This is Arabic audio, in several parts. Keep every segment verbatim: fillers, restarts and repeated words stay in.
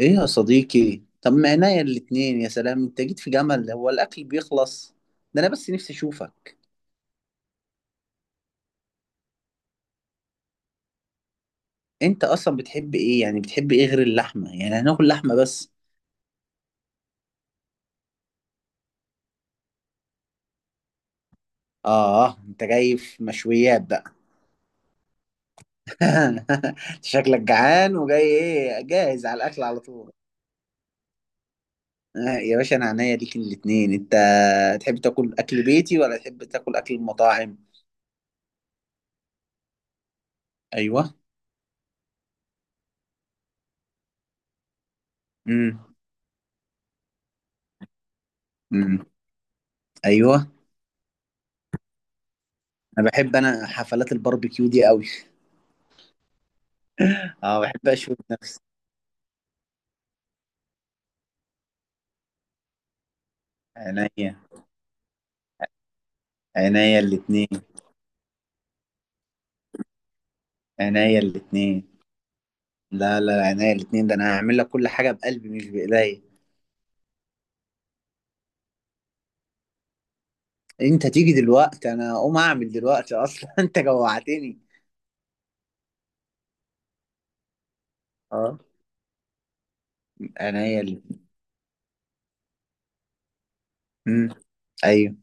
ايه يا صديقي؟ طب ما عينيا الاتنين، يا سلام. انت جيت في جمل، هو الاكل بيخلص؟ ده انا بس نفسي اشوفك. انت اصلا بتحب ايه يعني، بتحب ايه غير اللحمه، يعني هناكل لحمه بس؟ اه انت جاي في مشويات بقى. شكلك جعان، وجاي ايه جاهز على الاكل على طول؟ آه يا باشا، انا عينيا ليك الاتنين انت. تحب تاكل اكل بيتي ولا تحب تاكل اكل المطاعم؟ ايوه. امم. امم. ايوه. انا بحب، انا حفلات الباربيكيو دي قوي. اه بحب اشوف نفسي. عينيا. عينيا الاتنين. عينيا الاتنين. لا لا، عينيا الاتنين، ده انا هعمل لك كل حاجة بقلبي، مش بايديا. انت تيجي دلوقتي، انا اقوم اعمل دلوقتي اصلا. انت جوعتني. اه. عينيا الاتنين. مم. ايوه.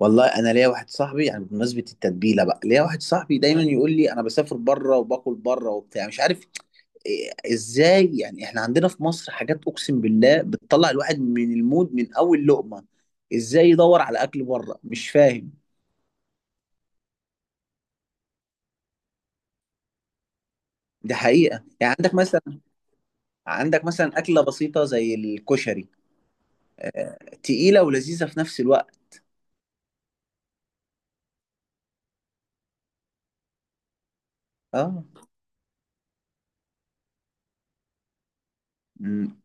والله انا ليا واحد صاحبي يعني، بمناسبة التتبيلة بقى، ليا واحد صاحبي دايما يقول لي انا بسافر بره وباكل بره وبتاع، مش عارف. إيه- ازاي يعني احنا عندنا في مصر حاجات اقسم بالله بتطلع الواحد من المود من اول لقمة. ازاي يدور على اكل بره؟ مش فاهم. دي حقيقة، يعني عندك مثلا عندك مثلا أكلة بسيطة زي الكشري. آه، تقيلة ولذيذة في نفس الوقت. اه. مم.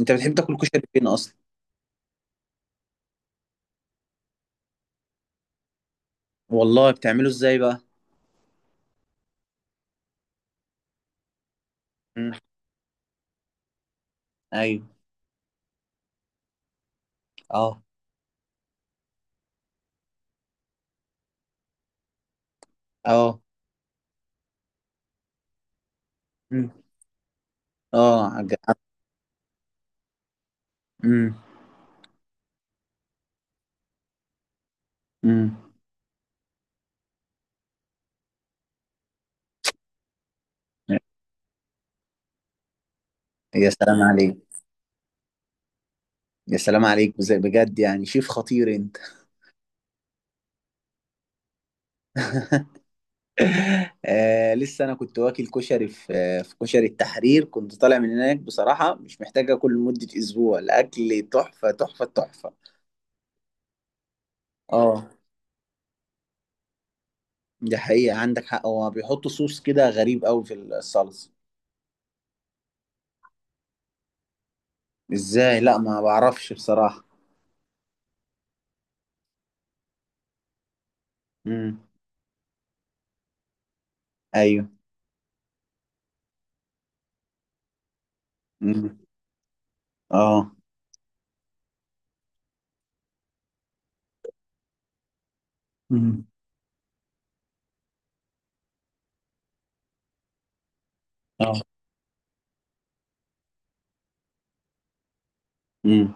انت بتحب تاكل كشري فين اصلا؟ والله بتعمله ازاي بقى؟ مم. ايوه. اه. اه. مم. اه عج- مم. مم. يا سلام عليك. يا سلام عليك بز- بجد، يعني شيف خطير انت. آه لسه انا كنت واكل كشري في، آه في كشري التحرير، كنت طالع من هناك بصراحه، مش محتاج اكل لمده اسبوع، الاكل تحفه تحفه تحفه. اه دي حقيقه، عندك حق، هو بيحطوا صوص كده غريب قوي في الصلصه. ازاي؟ لا ما بعرفش بصراحه. امم. ايوه. امم. اه. امم. اه. امم.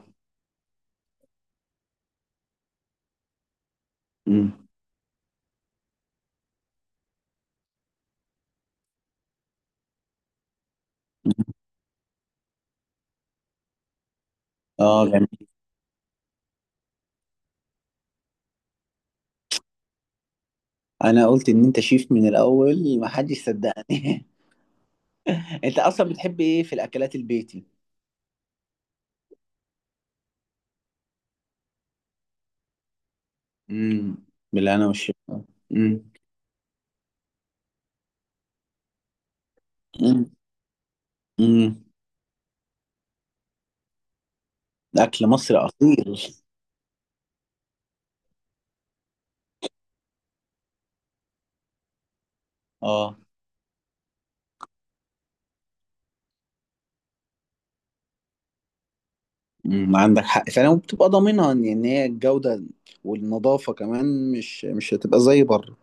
امم. اه جميل. انا قلت ان انت شيف من الاول، ما حدش صدقني. انت اصلا بتحب ايه في الاكلات البيتي؟ امم. بالله، انا والشيف. مم. مم. اكل مصر اصيل. اه. مم. عندك حق فعلا، وبتبقى ضامنها ان، إن هي الجوده، والنظافه كمان، مش مش هتبقى زي بره.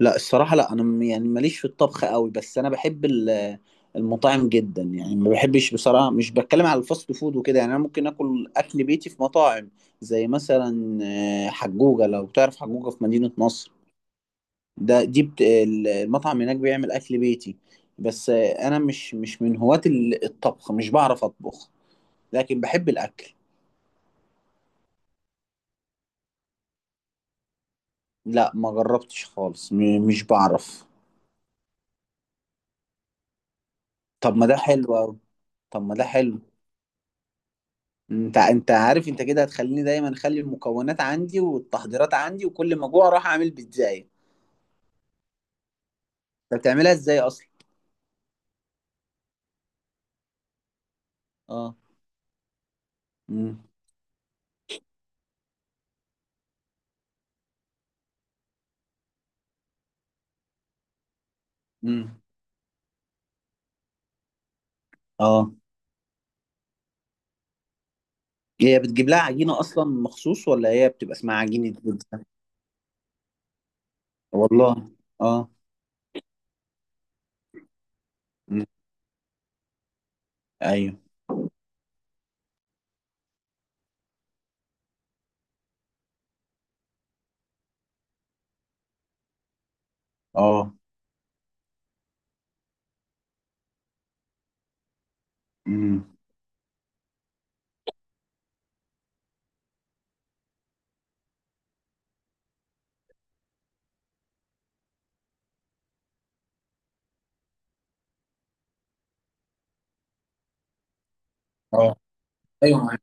لا الصراحه، لا انا م- يعني ماليش في الطبخ قوي، بس انا بحب ال- المطاعم جدا، يعني ما بحبش بصراحه، مش بتكلم على الفاست فود وكده، يعني انا ممكن اكل اكل بيتي في مطاعم. زي مثلا آه، حجوجه، لو تعرف حجوجه في مدينه نصر. ده، دي بت... ال- المطعم هناك بيعمل اكل بيتي. بس آه، انا مش مش من هواة ال- الطبخ، مش بعرف اطبخ. لكن بحب الاكل. لا ما جربتش خالص، م... مش بعرف. طب ما ده حلو أوي. طب ما ده حلو. انت انت عارف، انت كده هتخليني دايما اخلي المكونات عندي والتحضيرات عندي، وكل ما اجوع اروح اعمل بيتزاية. انت بتعملها ازاي اصلا؟ اه. امم. امم. اه. هي بتجيب لها عجينة اصلا مخصوص ولا هي بتبقى اسمها عجينة بيتزا؟ والله. اه. مم. ايوه. اه. امم. اه. ايوه معاك.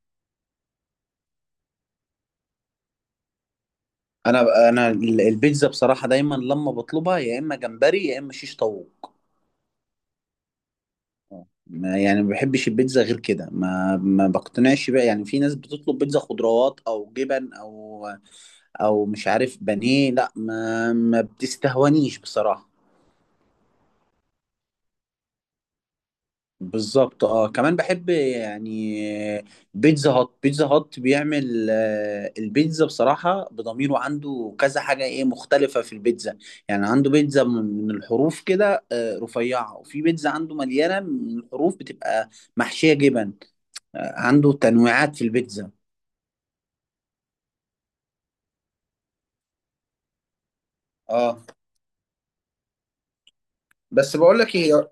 انا انا ال- البيتزا بصراحه، دايما لما بطلبها يا اما جمبري يا اما شيش طاووق. آه. ما يعني ما بحبش البيتزا غير كده، ما ما بقتنعش بقى، يعني في ناس بتطلب بيتزا خضروات او جبن او، او مش عارف، بانيه. لا ما ما بتستهونيش بصراحه. بالظبط اه، كمان بحب يعني بيتزا هات، بيتزا هات بيعمل آه، البيتزا بصراحة بضميره، عنده كذا حاجة ايه مختلفة في البيتزا. يعني عنده بيتزا من من الحروف كده آه، رفيعة، وفي بيتزا عنده مليانة من الحروف بتبقى محشية جبن. آه، عنده تنويعات في البيتزا. اه. بس بقول لك ايه.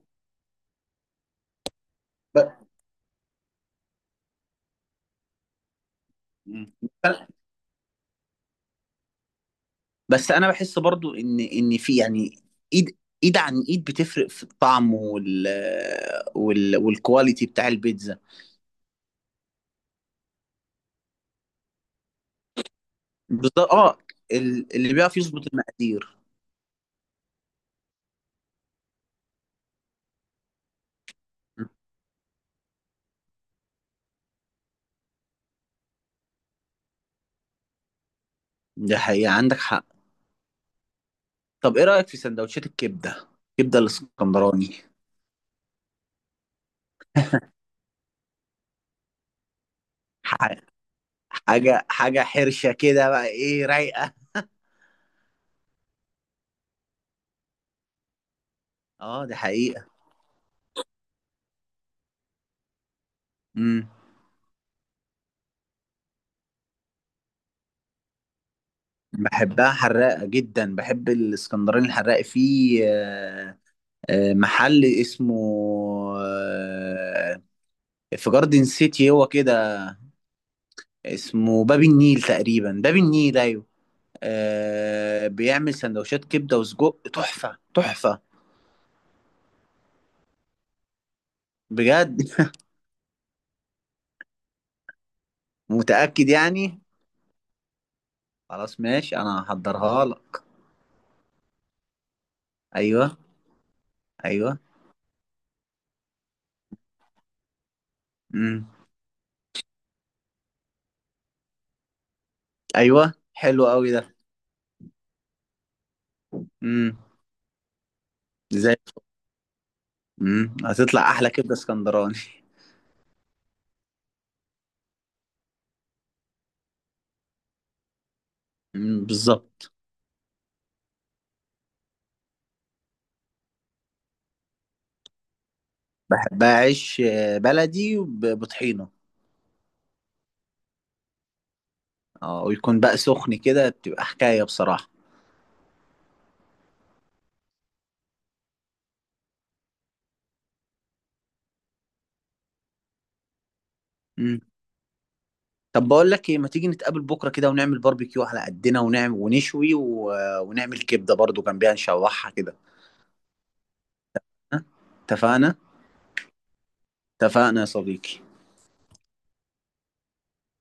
ب- بس انا بحس برضو ان ان في يعني ايد، ايد عن ايد بتفرق في الطعم، وال وال والكواليتي بتاع البيتزا. بالظبط اه. ال- اللي بيعرف يظبط المقادير. ده حقيقة، عندك حق. طب ايه رأيك في سندوتشات الكبدة؟ الكبدة الاسكندراني. ح- حاجة حاجة حرشة كده بقى، ايه رايقة. اه دي حقيقة. امم. بحبها حراقة جدا، بحب الاسكندراني الحراق في، آه، آه، محل اسمه، آه، في جاردن سيتي هو كده. اسمه باب النيل تقريبا، باب النيل، ايوه. آه بيعمل سندوتشات كبده وسجق، تحفه تحفه. بجد. متاكد يعني؟ خلاص ماشي، انا هحضرها لك. ايوه. ايوه. امم. ايوه حلو قوي ده. امم. زي امم هتطلع احلى كبده اسكندراني. امم بالظبط. بحبها عيش آه، بلدي وب- بطحينه. اه، ويكون بقى سخن كده، بتبقى حكايه بصراحه. طب بقول لك ايه، ما تيجي نتقابل بكره كده ونعمل باربيكيو على قدنا، ونعمل ونشوي و... ونعمل كبده برضو جنبيها نشوحها كده. ها؟ اتفقنا. اتفقنا يا صديقي.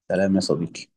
سلام يا صديقي.